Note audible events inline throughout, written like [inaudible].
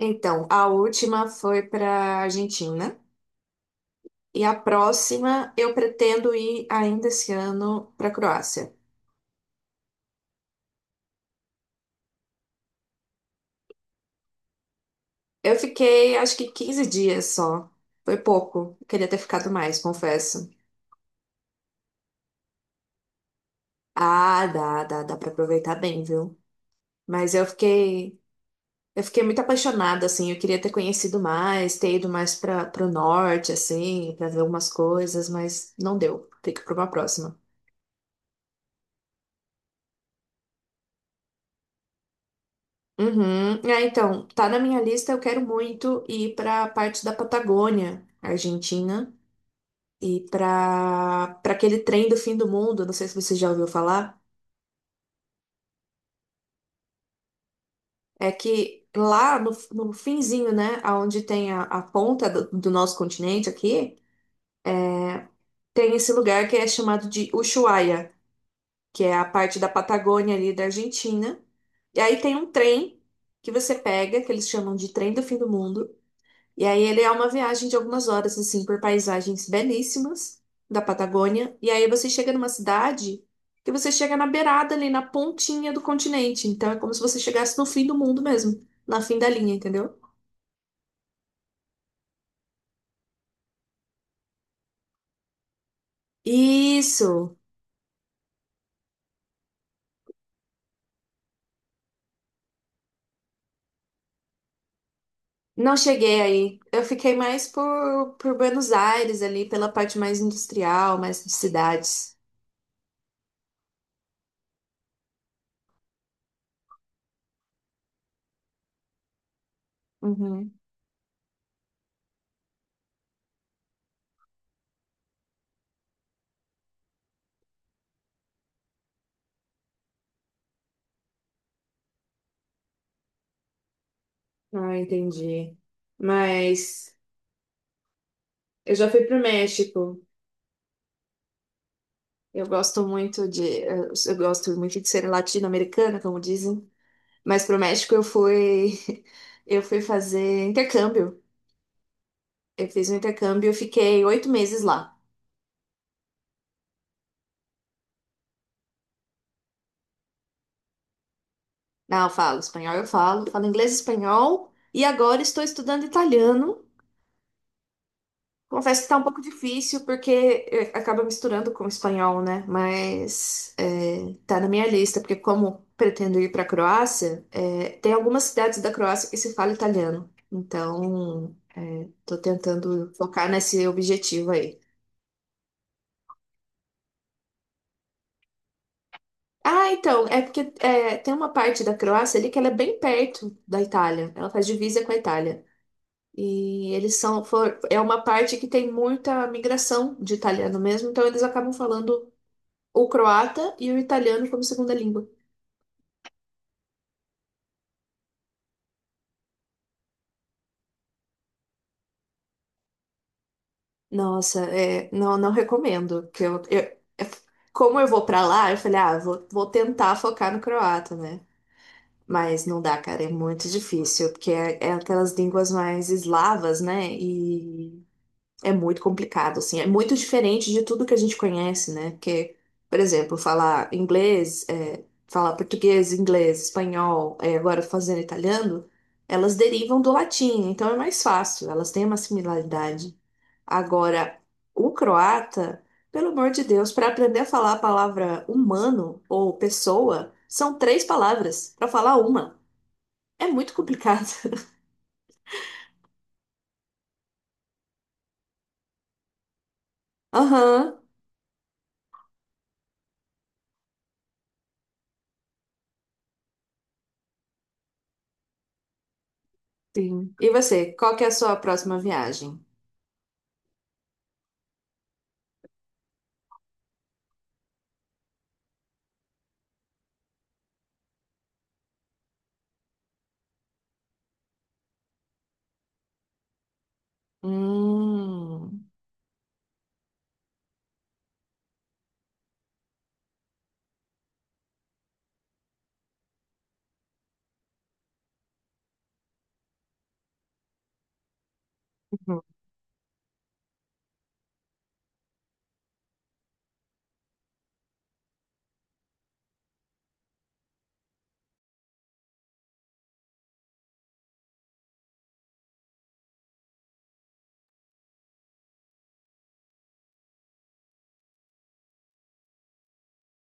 Então, a última foi para Argentina e a próxima eu pretendo ir ainda esse ano para Croácia. Eu fiquei acho que 15 dias só. Foi pouco. Queria ter ficado mais, confesso. Ah, dá para aproveitar bem, viu? Mas eu fiquei, eu fiquei muito apaixonada assim, eu queria ter conhecido mais, ter ido mais para o norte assim, para ver algumas coisas, mas não deu. Fica para uma próxima. Uhum. É, então, tá na minha lista, eu quero muito ir para parte da Patagônia, Argentina, e para aquele trem do fim do mundo, não sei se você já ouviu falar, é que lá no finzinho, né, aonde tem a ponta do nosso continente aqui, tem esse lugar que é chamado de Ushuaia, que é a parte da Patagônia ali da Argentina. E aí tem um trem que você pega, que eles chamam de trem do fim do mundo. E aí ele é uma viagem de algumas horas, assim, por paisagens belíssimas da Patagônia. E aí você chega numa cidade que você chega na beirada ali, na pontinha do continente. Então é como se você chegasse no fim do mundo mesmo, na fim da linha, entendeu? Isso! Não cheguei aí. Eu fiquei mais por Buenos Aires ali, pela parte mais industrial, mais de cidades. Uhum. Ah, entendi. Mas eu já fui pro México. Eu gosto muito de, eu gosto muito de ser latino-americana, como dizem. Mas pro México eu fui, [laughs] eu fui fazer intercâmbio. Eu fiz um intercâmbio, eu fiquei 8 meses lá. Não, eu falo espanhol, eu falo, falo inglês, e espanhol e agora estou estudando italiano. Confesso que tá um pouco difícil porque acaba misturando com o espanhol, né? Mas tá na minha lista, porque como pretendo ir para a Croácia, tem algumas cidades da Croácia que se fala italiano. Então, tô tentando focar nesse objetivo aí. Ah, então, é porque tem uma parte da Croácia ali que ela é bem perto da Itália. Ela faz divisa com a Itália. E eles são, é uma parte que tem muita migração de italiano mesmo, então eles acabam falando o croata e o italiano como segunda língua. Nossa, é, não recomendo. Que eu, é- como eu vou pra lá, eu falei, ah, vou tentar focar no croata, né? Mas não dá, cara, é muito difícil, porque é aquelas línguas mais eslavas, né? E é muito complicado, assim. É muito diferente de tudo que a gente conhece, né? Porque, por exemplo, falar inglês, é, falar português, inglês, espanhol, é, agora fazendo italiano, elas derivam do latim, então é mais fácil, elas têm uma similaridade. Agora, o croata, pelo amor de Deus, para aprender a falar a palavra humano ou pessoa, são 3 palavras para falar uma. É muito complicado. [laughs] Aham, sim. E você, qual que é a sua próxima viagem? Hum. Uhum.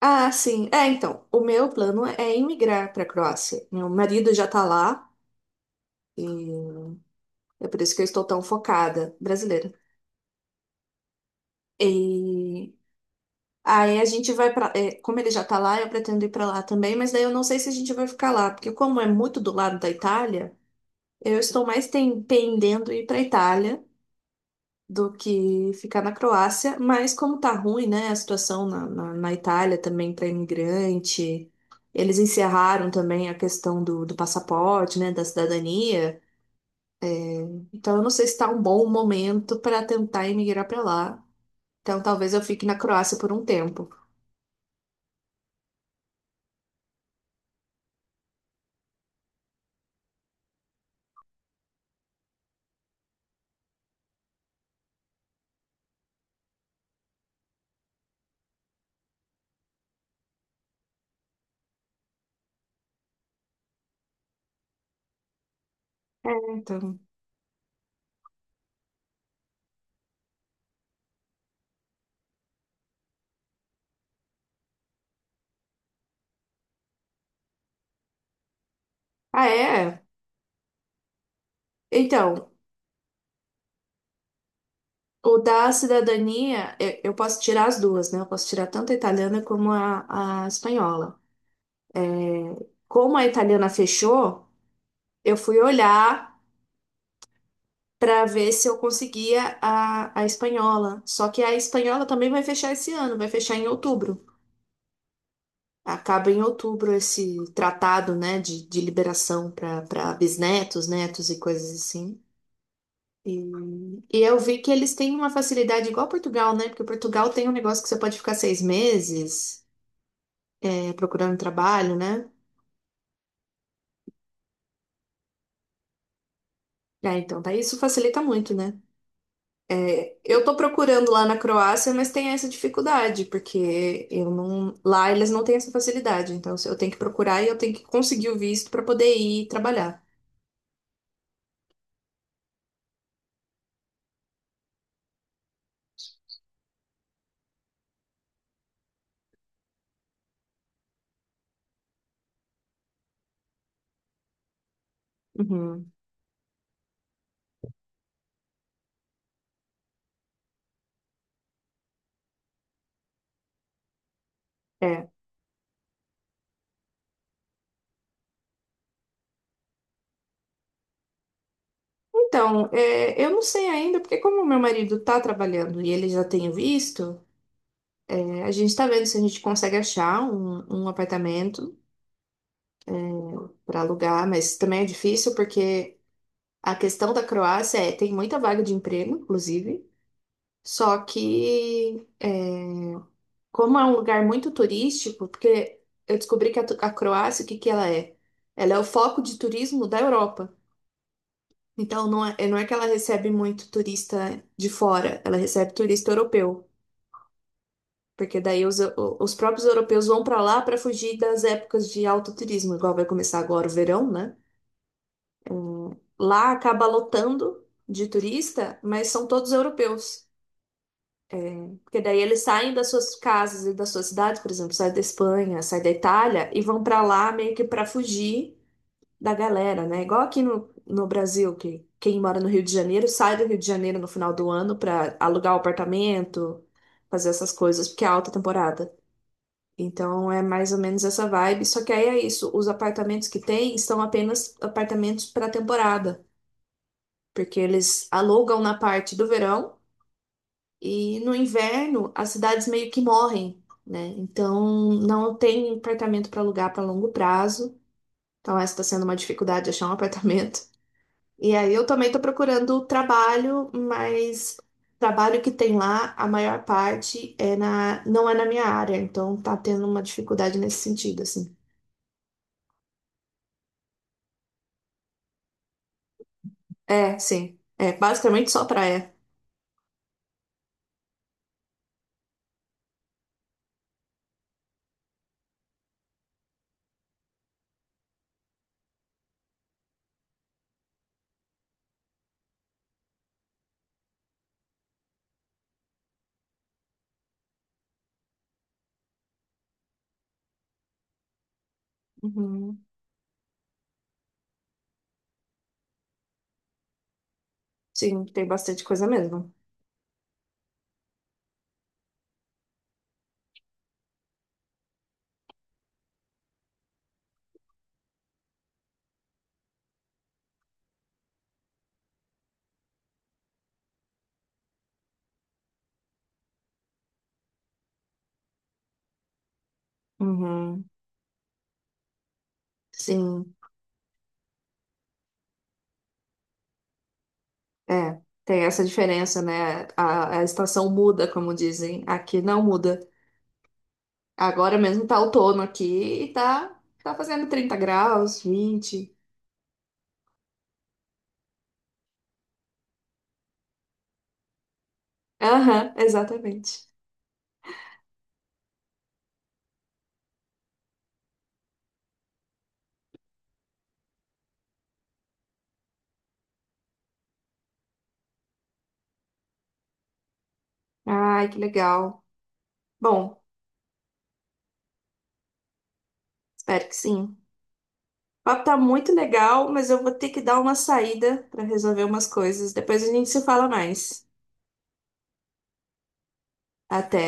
Ah, sim. É, então, o meu plano é emigrar para a Croácia. Meu marido já tá lá e é por isso que eu estou tão focada, brasileira. E aí a gente vai para, como ele já tá lá, eu pretendo ir para lá também, mas daí eu não sei se a gente vai ficar lá, porque como é muito do lado da Itália, eu estou mais pendendo ir para a Itália, do que ficar na Croácia, mas como tá ruim, né, a situação na Itália também para imigrante, eles encerraram também a questão do passaporte, né, da cidadania, então eu não sei se tá um bom momento para tentar emigrar para lá, então talvez eu fique na Croácia por um tempo. É, então. Ah, é? Então, o da cidadania, eu posso tirar as duas, né? Eu posso tirar tanto a italiana como a espanhola. Como a italiana fechou, eu fui olhar para ver se eu conseguia a espanhola. Só que a espanhola também vai fechar esse ano, vai fechar em outubro. Acaba em outubro esse tratado, né, de liberação para bisnetos, netos e coisas assim. E, e eu vi que eles têm uma facilidade igual a Portugal, né? Porque Portugal tem um negócio que você pode ficar 6 meses, é, procurando trabalho, né? É, então, daí isso facilita muito, né? É, eu estou procurando lá na Croácia, mas tem essa dificuldade, porque eu não, lá eles não têm essa facilidade. Então, se eu tenho que procurar e eu tenho que conseguir o visto para poder ir trabalhar. Uhum, é. Então, é, eu não sei ainda, porque como meu marido está trabalhando e ele já tem o visto, é, a gente está vendo se a gente consegue achar um apartamento para alugar, mas também é difícil porque a questão da Croácia é, tem muita vaga de emprego, inclusive, só que é, como é um lugar muito turístico, porque eu descobri que a, a Croácia, o que que ela é? Ela é o foco de turismo da Europa. Então, não é, não é que ela recebe muito turista de fora, ela recebe turista europeu. Porque daí os próprios europeus vão para lá para fugir das épocas de alto turismo, igual vai começar agora o verão, né? Lá acaba lotando de turista, mas são todos europeus. Porque daí eles saem das suas casas e das suas cidades, por exemplo, saem da Espanha, saem da Itália e vão para lá meio que para fugir da galera, né? Igual aqui no Brasil, que quem mora no Rio de Janeiro sai do Rio de Janeiro no final do ano para alugar o apartamento, fazer essas coisas, porque é alta temporada. Então é mais ou menos essa vibe. Só que aí é isso, os apartamentos que tem são apenas apartamentos para temporada, porque eles alugam na parte do verão e no inverno as cidades meio que morrem, né? Então não tem apartamento para alugar para longo prazo. Então essa está sendo uma dificuldade achar um [laughs] apartamento. E aí eu também tô procurando trabalho, mas trabalho que tem lá, a maior parte é na, não é na minha área, então tá tendo uma dificuldade nesse sentido, assim. É, sim. É, basicamente só praia. Uhum. Sim, tem bastante coisa mesmo. Uhum. Sim. É, tem essa diferença, né? A estação muda, como dizem. Aqui não muda. Agora mesmo tá outono aqui e tá, tá fazendo 30 graus, 20. Aham, exatamente. Ai, que legal. Bom, espero que sim. O papo tá muito legal, mas eu vou ter que dar uma saída para resolver umas coisas. Depois a gente se fala mais. Até.